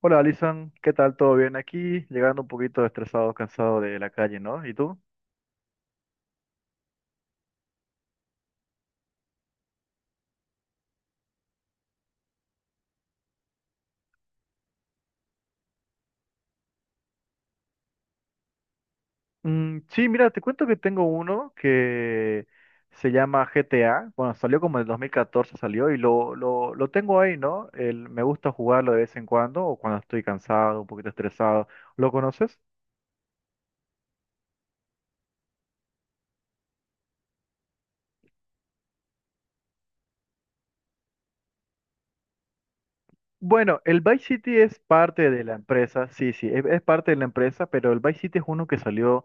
Hola Alison, ¿qué tal? ¿Todo bien aquí? Llegando un poquito estresado, cansado de la calle, ¿no? ¿Y tú? Sí, mira, te cuento que tengo uno que se llama GTA. Bueno, salió como en el 2014 salió y lo tengo ahí, ¿no? Me gusta jugarlo de vez en cuando o cuando estoy cansado, un poquito estresado. ¿Lo conoces? Bueno, el Vice City es parte de la empresa, sí, sí, es parte de la empresa, pero el Vice City es uno que salió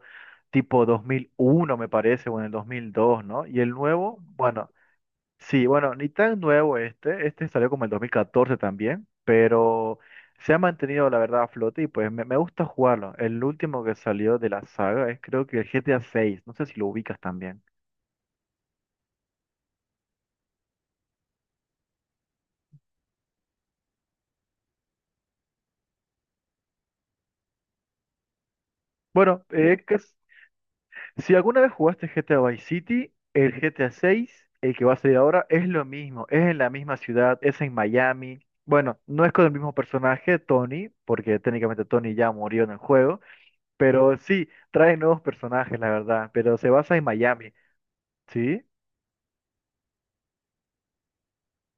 tipo 2001, me parece, o en el 2002, ¿no? Y el nuevo, bueno. Sí, bueno, ni tan nuevo este salió como en 2014 también, pero se ha mantenido la verdad a flote y pues me gusta jugarlo. El último que salió de la saga es creo que el GTA seis, no sé si lo ubicas también. Bueno, no. Si alguna vez jugaste GTA Vice City, el GTA seis, el que va a salir ahora, es lo mismo, es en la misma ciudad, es en Miami. Bueno, no es con el mismo personaje, Tony, porque técnicamente Tony ya murió en el juego, pero sí, trae nuevos personajes, la verdad, pero se basa en Miami. Sí,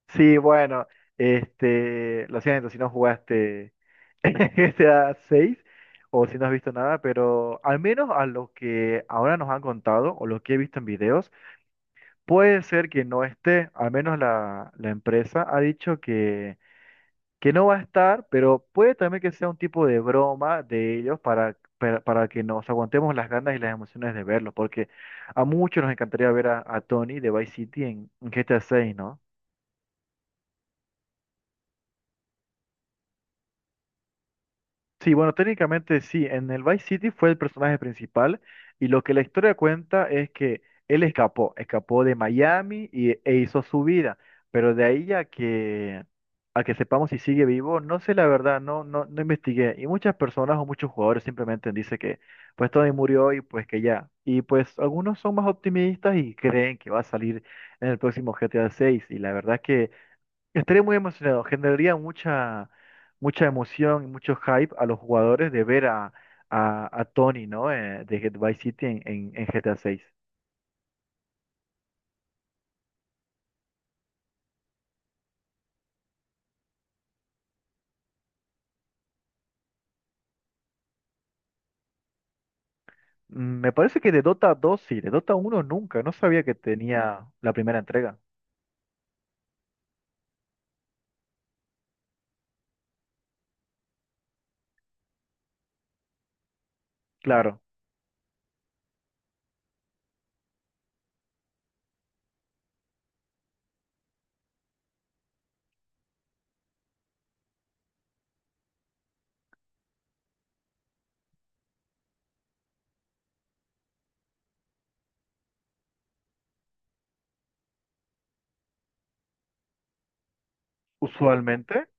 sí, bueno, lo siento si no jugaste GTA 6 o si no has visto nada, pero al menos a lo que ahora nos han contado o lo que he visto en videos, puede ser que no esté, al menos la empresa ha dicho que no va a estar, pero puede también que sea un tipo de broma de ellos para que nos aguantemos las ganas y las emociones de verlo, porque a muchos nos encantaría ver a Tony de Vice City en GTA 6. Sí, bueno, técnicamente sí, en el Vice City fue el personaje principal y lo que la historia cuenta es que él escapó, escapó de Miami y, e hizo su vida, pero de ahí a a que sepamos si sigue vivo, no sé la verdad, no investigué y muchas personas o muchos jugadores simplemente dicen que pues Tony murió y pues que ya, y pues algunos son más optimistas y creen que va a salir en el próximo GTA 6 y la verdad es que estaría muy emocionado, generaría mucha emoción y mucho hype a los jugadores de ver a, a Tony, ¿no? De Vice City en GTA 6. Me parece que de Dota 2 sí, de Dota 1 nunca, no sabía que tenía la primera entrega. Claro, usualmente.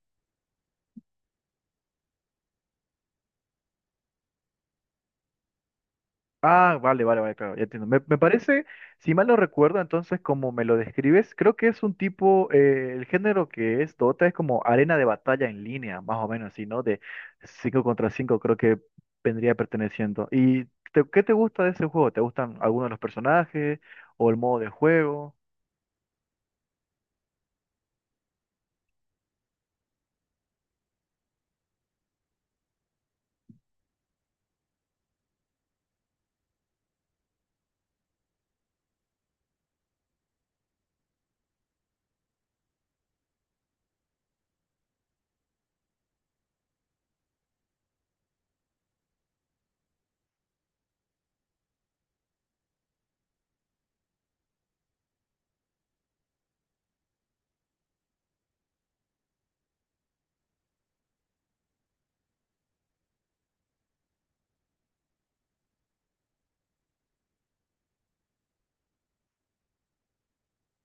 Ah, vale, vale, vale, claro, ya entiendo. Me parece, si mal no recuerdo, entonces como me lo describes, creo que es un tipo, el género que es Dota es como arena de batalla en línea, más o menos, así, ¿no? De 5 contra 5, creo que vendría perteneciendo. ¿Y qué te gusta de ese juego? ¿Te gustan algunos de los personajes o el modo de juego?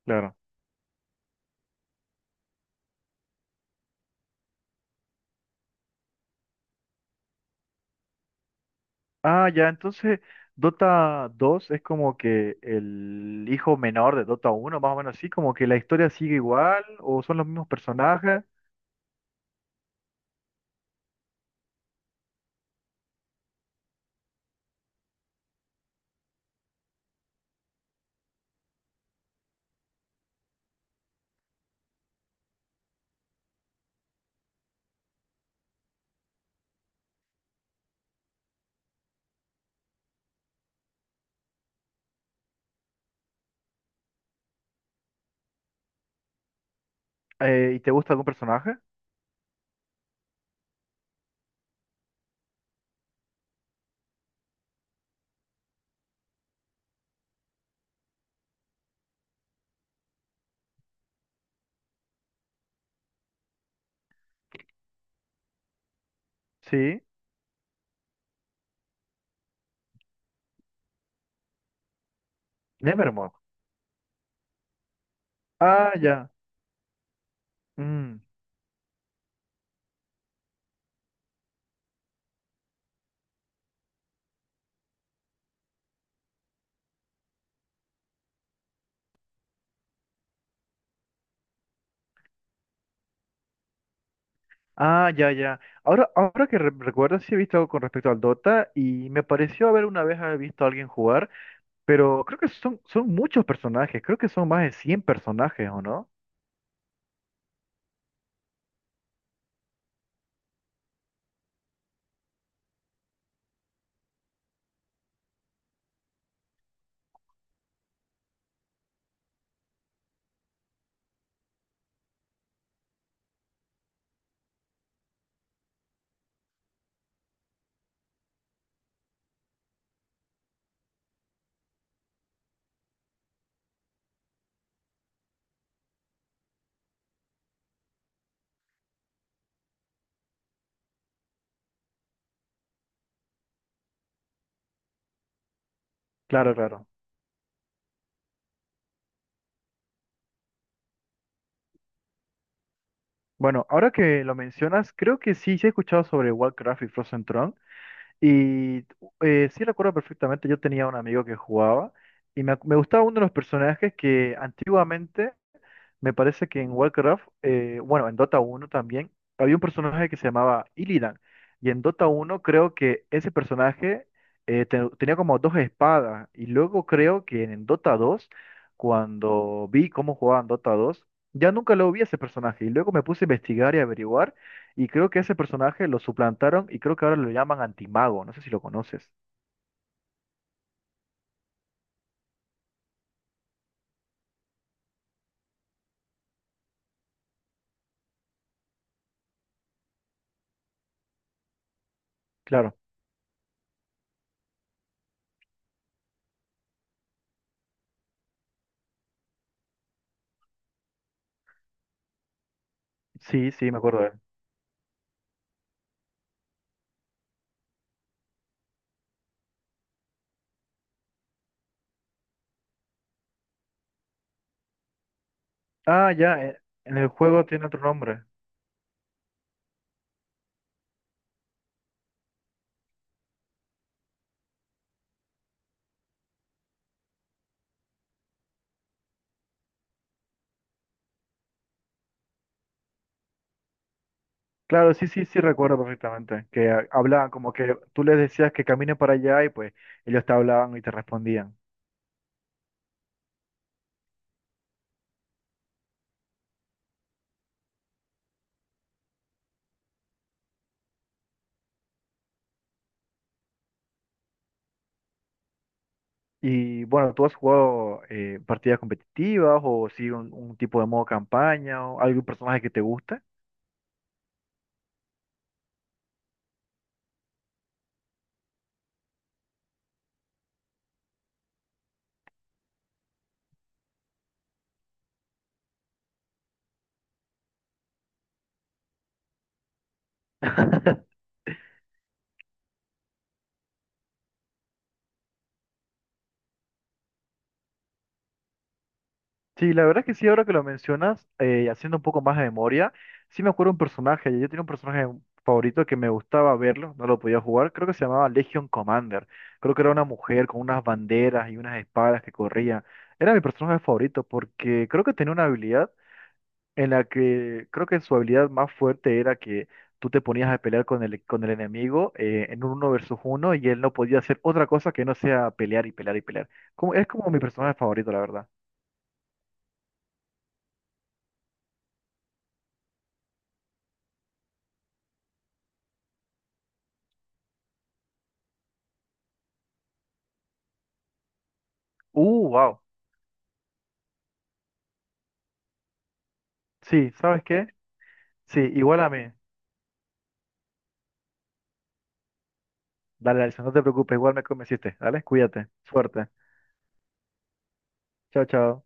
Claro. Ah, ya, entonces Dota 2 es como que el hijo menor de Dota 1, más o menos así, como que la historia sigue igual o son los mismos personajes. ¿Y te gusta algún personaje? Sí. Nevermore. Ah, ya. Mm. Ah, ya, ya. Ahora, recuerdo, sí he visto algo con respecto al Dota y me pareció haber una vez haber visto a alguien jugar, pero creo que son muchos personajes, creo que son más de 100 personajes, ¿o no? Claro, claro. Bueno, ahora que lo mencionas, creo que sí, sí he escuchado sobre Warcraft y Frozen Throne y sí recuerdo perfectamente, yo tenía un amigo que jugaba y me gustaba uno de los personajes que antiguamente... Me parece que en Warcraft, bueno, en Dota 1 también, había un personaje que se llamaba Illidan. Y en Dota 1 creo que ese personaje tenía como dos espadas. Y luego creo que en Dota 2, cuando vi cómo jugaban Dota 2, ya nunca lo vi a ese personaje. Y luego me puse a investigar y averiguar. Y creo que ese personaje lo suplantaron y creo que ahora lo llaman Antimago. No sé si lo conoces. Claro. Sí, sí, me acuerdo de él. Ah, ya, en el juego tiene otro nombre. Claro, sí, sí, sí recuerdo perfectamente que ah, hablaban como que tú les decías que caminen para allá y pues ellos te hablaban y te respondían. Y bueno, ¿tú has jugado partidas competitivas o sí un tipo de modo campaña o algún personaje que te guste? Sí, la verdad que sí, ahora que lo mencionas, haciendo un poco más de memoria, sí me acuerdo un personaje. Yo tenía un personaje favorito que me gustaba verlo, no lo podía jugar, creo que se llamaba Legion Commander. Creo que era una mujer con unas banderas y unas espadas que corría. Era mi personaje favorito porque creo que tenía una habilidad en la que creo que su habilidad más fuerte era que tú te ponías a pelear con el enemigo en un uno versus uno y él no podía hacer otra cosa que no sea pelear y pelear y pelear. Como, es como mi personaje favorito, la verdad. Wow. Sí, ¿sabes qué? Sí, igual a mí. Dale, Alison, no te preocupes, igual me convenciste. Dale, cuídate. Suerte. Chao, chao.